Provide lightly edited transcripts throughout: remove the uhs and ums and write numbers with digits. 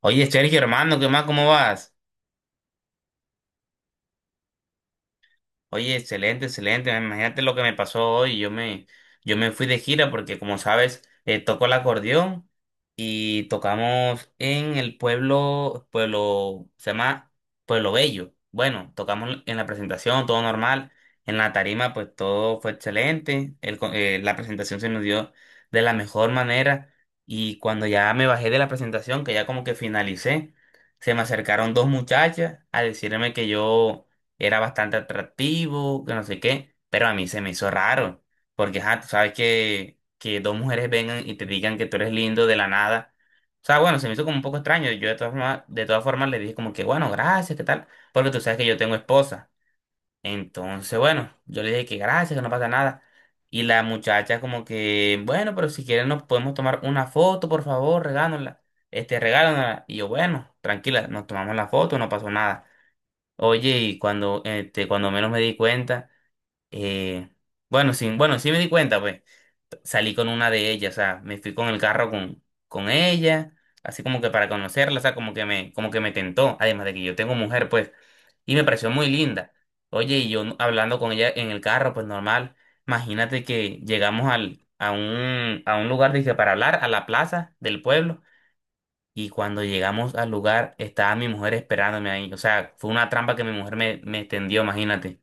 Oye, Sergio, hermano, ¿qué más? ¿Cómo vas? Oye, excelente, excelente. Imagínate lo que me pasó hoy. Yo me fui de gira porque, como sabes, toco el acordeón y tocamos en el pueblo, pueblo, se llama Pueblo Bello. Bueno, tocamos en la presentación, todo normal. En la tarima, pues todo fue excelente. La presentación se nos dio de la mejor manera. Y cuando ya me bajé de la presentación, que ya como que finalicé, se me acercaron dos muchachas a decirme que yo era bastante atractivo, que no sé qué, pero a mí se me hizo raro, porque ajá, tú sabes que dos mujeres vengan y te digan que tú eres lindo de la nada. O sea, bueno, se me hizo como un poco extraño. Yo de todas formas le dije como que, bueno, gracias, ¿qué tal? Porque tú sabes que yo tengo esposa. Entonces, bueno, yo le dije que gracias, que no pasa nada. Y la muchacha como que, bueno, pero si quieren nos podemos tomar una foto, por favor, regálanosla. Este, regálanosla. Y yo, bueno, tranquila, nos tomamos la foto, no pasó nada. Oye, y cuando, este, cuando menos me di cuenta, eh, bueno, sí, bueno, sí me di cuenta, pues, salí con una de ellas, o sea, me fui con el carro con ella, así como que para conocerla, o sea, como que me tentó, además de que yo tengo mujer, pues, y me pareció muy linda. Oye, y yo hablando con ella en el carro, pues normal, imagínate que llegamos al, a un lugar, dije, para hablar, a la plaza del pueblo. Y cuando llegamos al lugar, estaba mi mujer esperándome ahí. O sea, fue una trampa que mi me extendió, imagínate.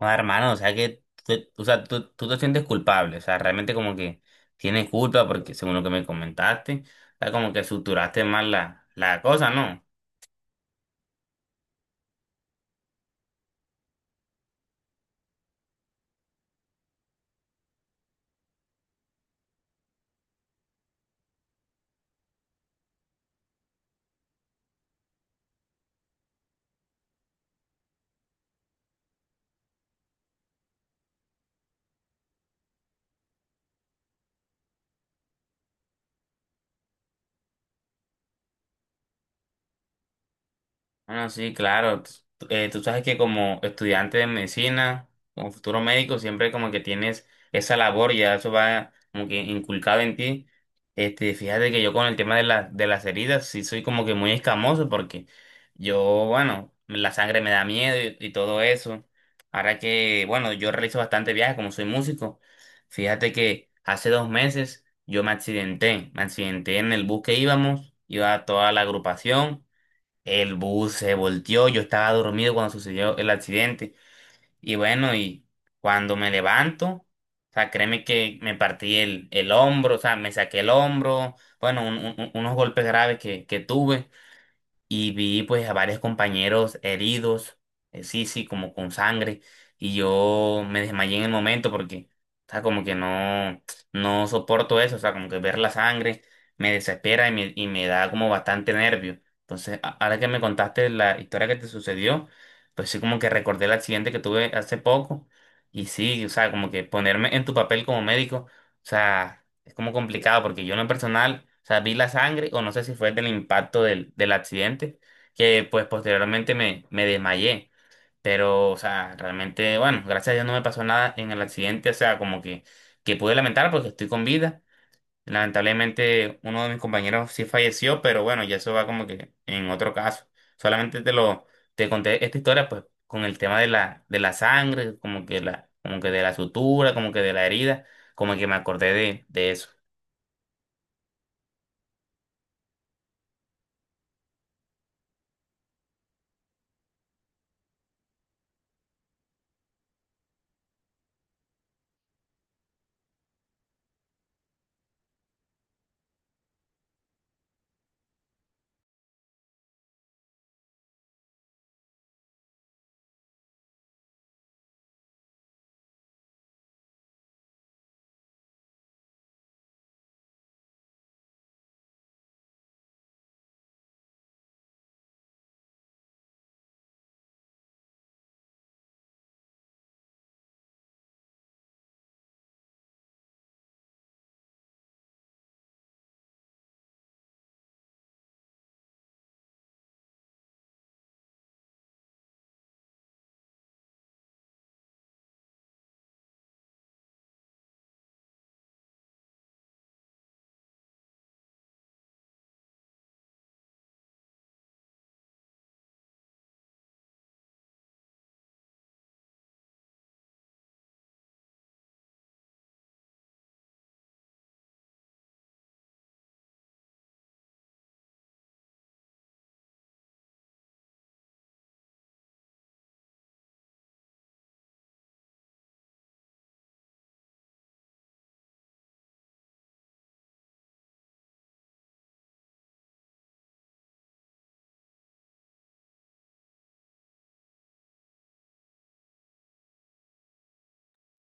No, hermano, o sea que, o sea, tú te sientes culpable. O sea, realmente como que tienes culpa porque según lo que me comentaste, o sea, como que suturaste mal la cosa, ¿no? Bueno, sí, claro. Tú sabes que como estudiante de medicina, como futuro médico, siempre como que tienes esa labor y ya eso va como que inculcado en ti. Este, fíjate que yo con el tema de las heridas sí soy como que muy escamoso porque yo, bueno, la sangre me da miedo y todo eso. Ahora que, bueno, yo realizo bastante viajes como soy músico. Fíjate que hace dos meses yo me accidenté en el bus que iba toda la agrupación. El bus se volteó, yo estaba dormido cuando sucedió el accidente. Y bueno, y cuando me levanto, o sea, créeme que me partí el hombro, o sea, me saqué el hombro, bueno, unos golpes graves que tuve y vi pues a varios compañeros heridos, sí, como con sangre, y yo me desmayé en el momento porque, o sea, como que no, no soporto eso, o sea, como que ver la sangre me desespera y me da como bastante nervio. Entonces, ahora que me contaste la historia que te sucedió, pues sí, como que recordé el accidente que tuve hace poco, y sí, o sea, como que ponerme en tu papel como médico, o sea... Es como complicado porque yo en lo personal, o sea, vi la sangre o no sé si fue del impacto del accidente, que pues posteriormente me desmayé. Pero, o sea, realmente, bueno, gracias a Dios no me pasó nada en el accidente, o sea, como que pude lamentar porque estoy con vida. Lamentablemente uno de mis compañeros sí falleció, pero bueno, ya eso va como que en otro caso. Solamente te conté esta historia pues con el tema de de la sangre, como que como que de la sutura, como que de la herida, como que me acordé de eso.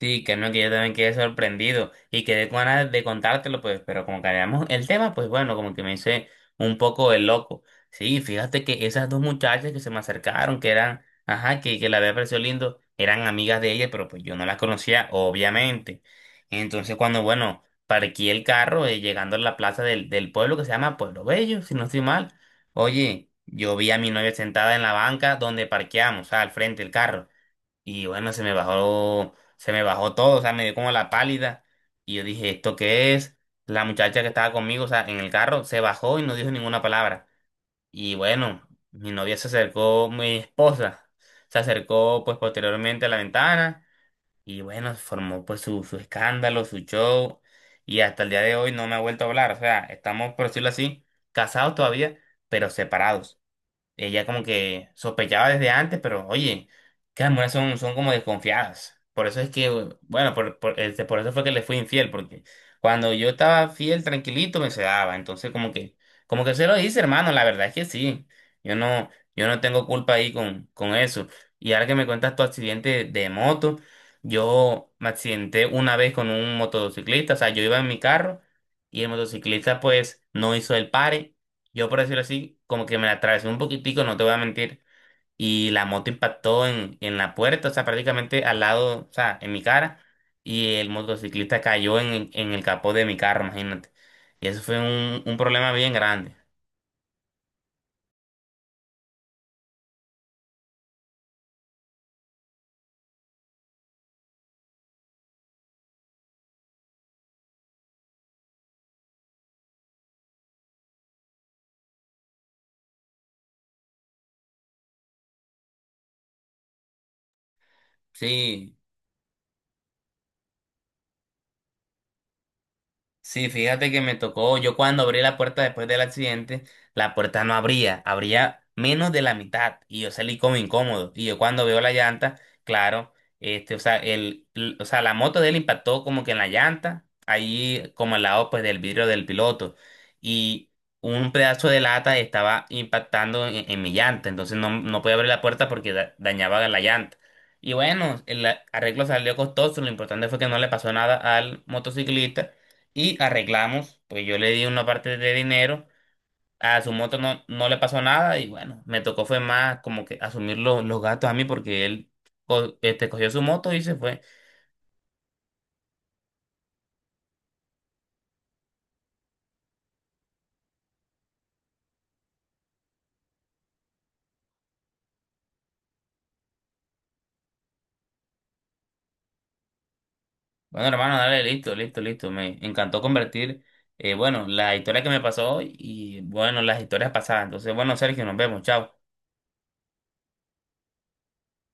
Sí, que no, que yo también quedé sorprendido y quedé con ganas de contártelo, pues, pero como cambiamos el tema, pues bueno, como que me hice un poco el loco. Sí, fíjate que esas dos muchachas que se me acercaron, que eran, ajá, que la había parecido lindo, eran amigas de ella, pero pues yo no las conocía, obviamente. Entonces, cuando, bueno, parqué el carro, llegando a la plaza del pueblo que se llama Pueblo Bello, si no estoy mal, oye, yo vi a mi novia sentada en la banca donde parqueamos, o sea, al frente del carro. Y bueno, se me bajó todo, o sea, me dio como la pálida. Y yo dije, ¿esto qué es? La muchacha que estaba conmigo, o sea, en el carro, se bajó y no dijo ninguna palabra. Y bueno, mi novia se acercó, mi esposa, se acercó pues posteriormente a la ventana. Y bueno, formó pues su escándalo, su show. Y hasta el día de hoy no me ha vuelto a hablar. O sea, estamos, por decirlo así, casados todavía, pero separados. Ella como que sospechaba desde antes, pero oye, que las mujeres son, son como desconfiadas. Por eso es que, bueno, por eso fue que le fui infiel, porque cuando yo estaba fiel, tranquilito, me se daba. Entonces como que se lo hice, hermano, la verdad es que sí. Yo no, yo no tengo culpa ahí con eso. Y ahora que me cuentas tu accidente de moto, yo me accidenté una vez con un motociclista, o sea, yo iba en mi carro y el motociclista pues no hizo el pare yo, por decirlo así, como que me la atravesé un poquitico, no te voy a mentir, y la moto impactó en la puerta, o sea, prácticamente al lado, o sea, en mi cara, y el motociclista cayó en el capó de mi carro, imagínate. Y eso fue un problema bien grande. Sí, sí, fíjate que me tocó, yo cuando abrí la puerta después del accidente, la puerta no abría, abría menos de la mitad y yo salí como incómodo. Y yo cuando veo la llanta, claro, este, o sea, o sea, la moto de él impactó como que en la llanta, ahí como al lado pues del vidrio del piloto y un pedazo de lata estaba impactando en mi llanta, entonces no podía abrir la puerta porque dañaba la llanta. Y bueno, el arreglo salió costoso, lo importante fue que no le pasó nada al motociclista y arreglamos, pues yo le di una parte de dinero, a su moto no le pasó nada y bueno, me tocó fue más como que asumir los gastos a mí porque él cogió su moto y se fue. Bueno, hermano, dale, listo, listo, listo. Me encantó convertir, bueno, la historia que me pasó y bueno, las historias pasadas. Entonces, bueno, Sergio, nos vemos, chao.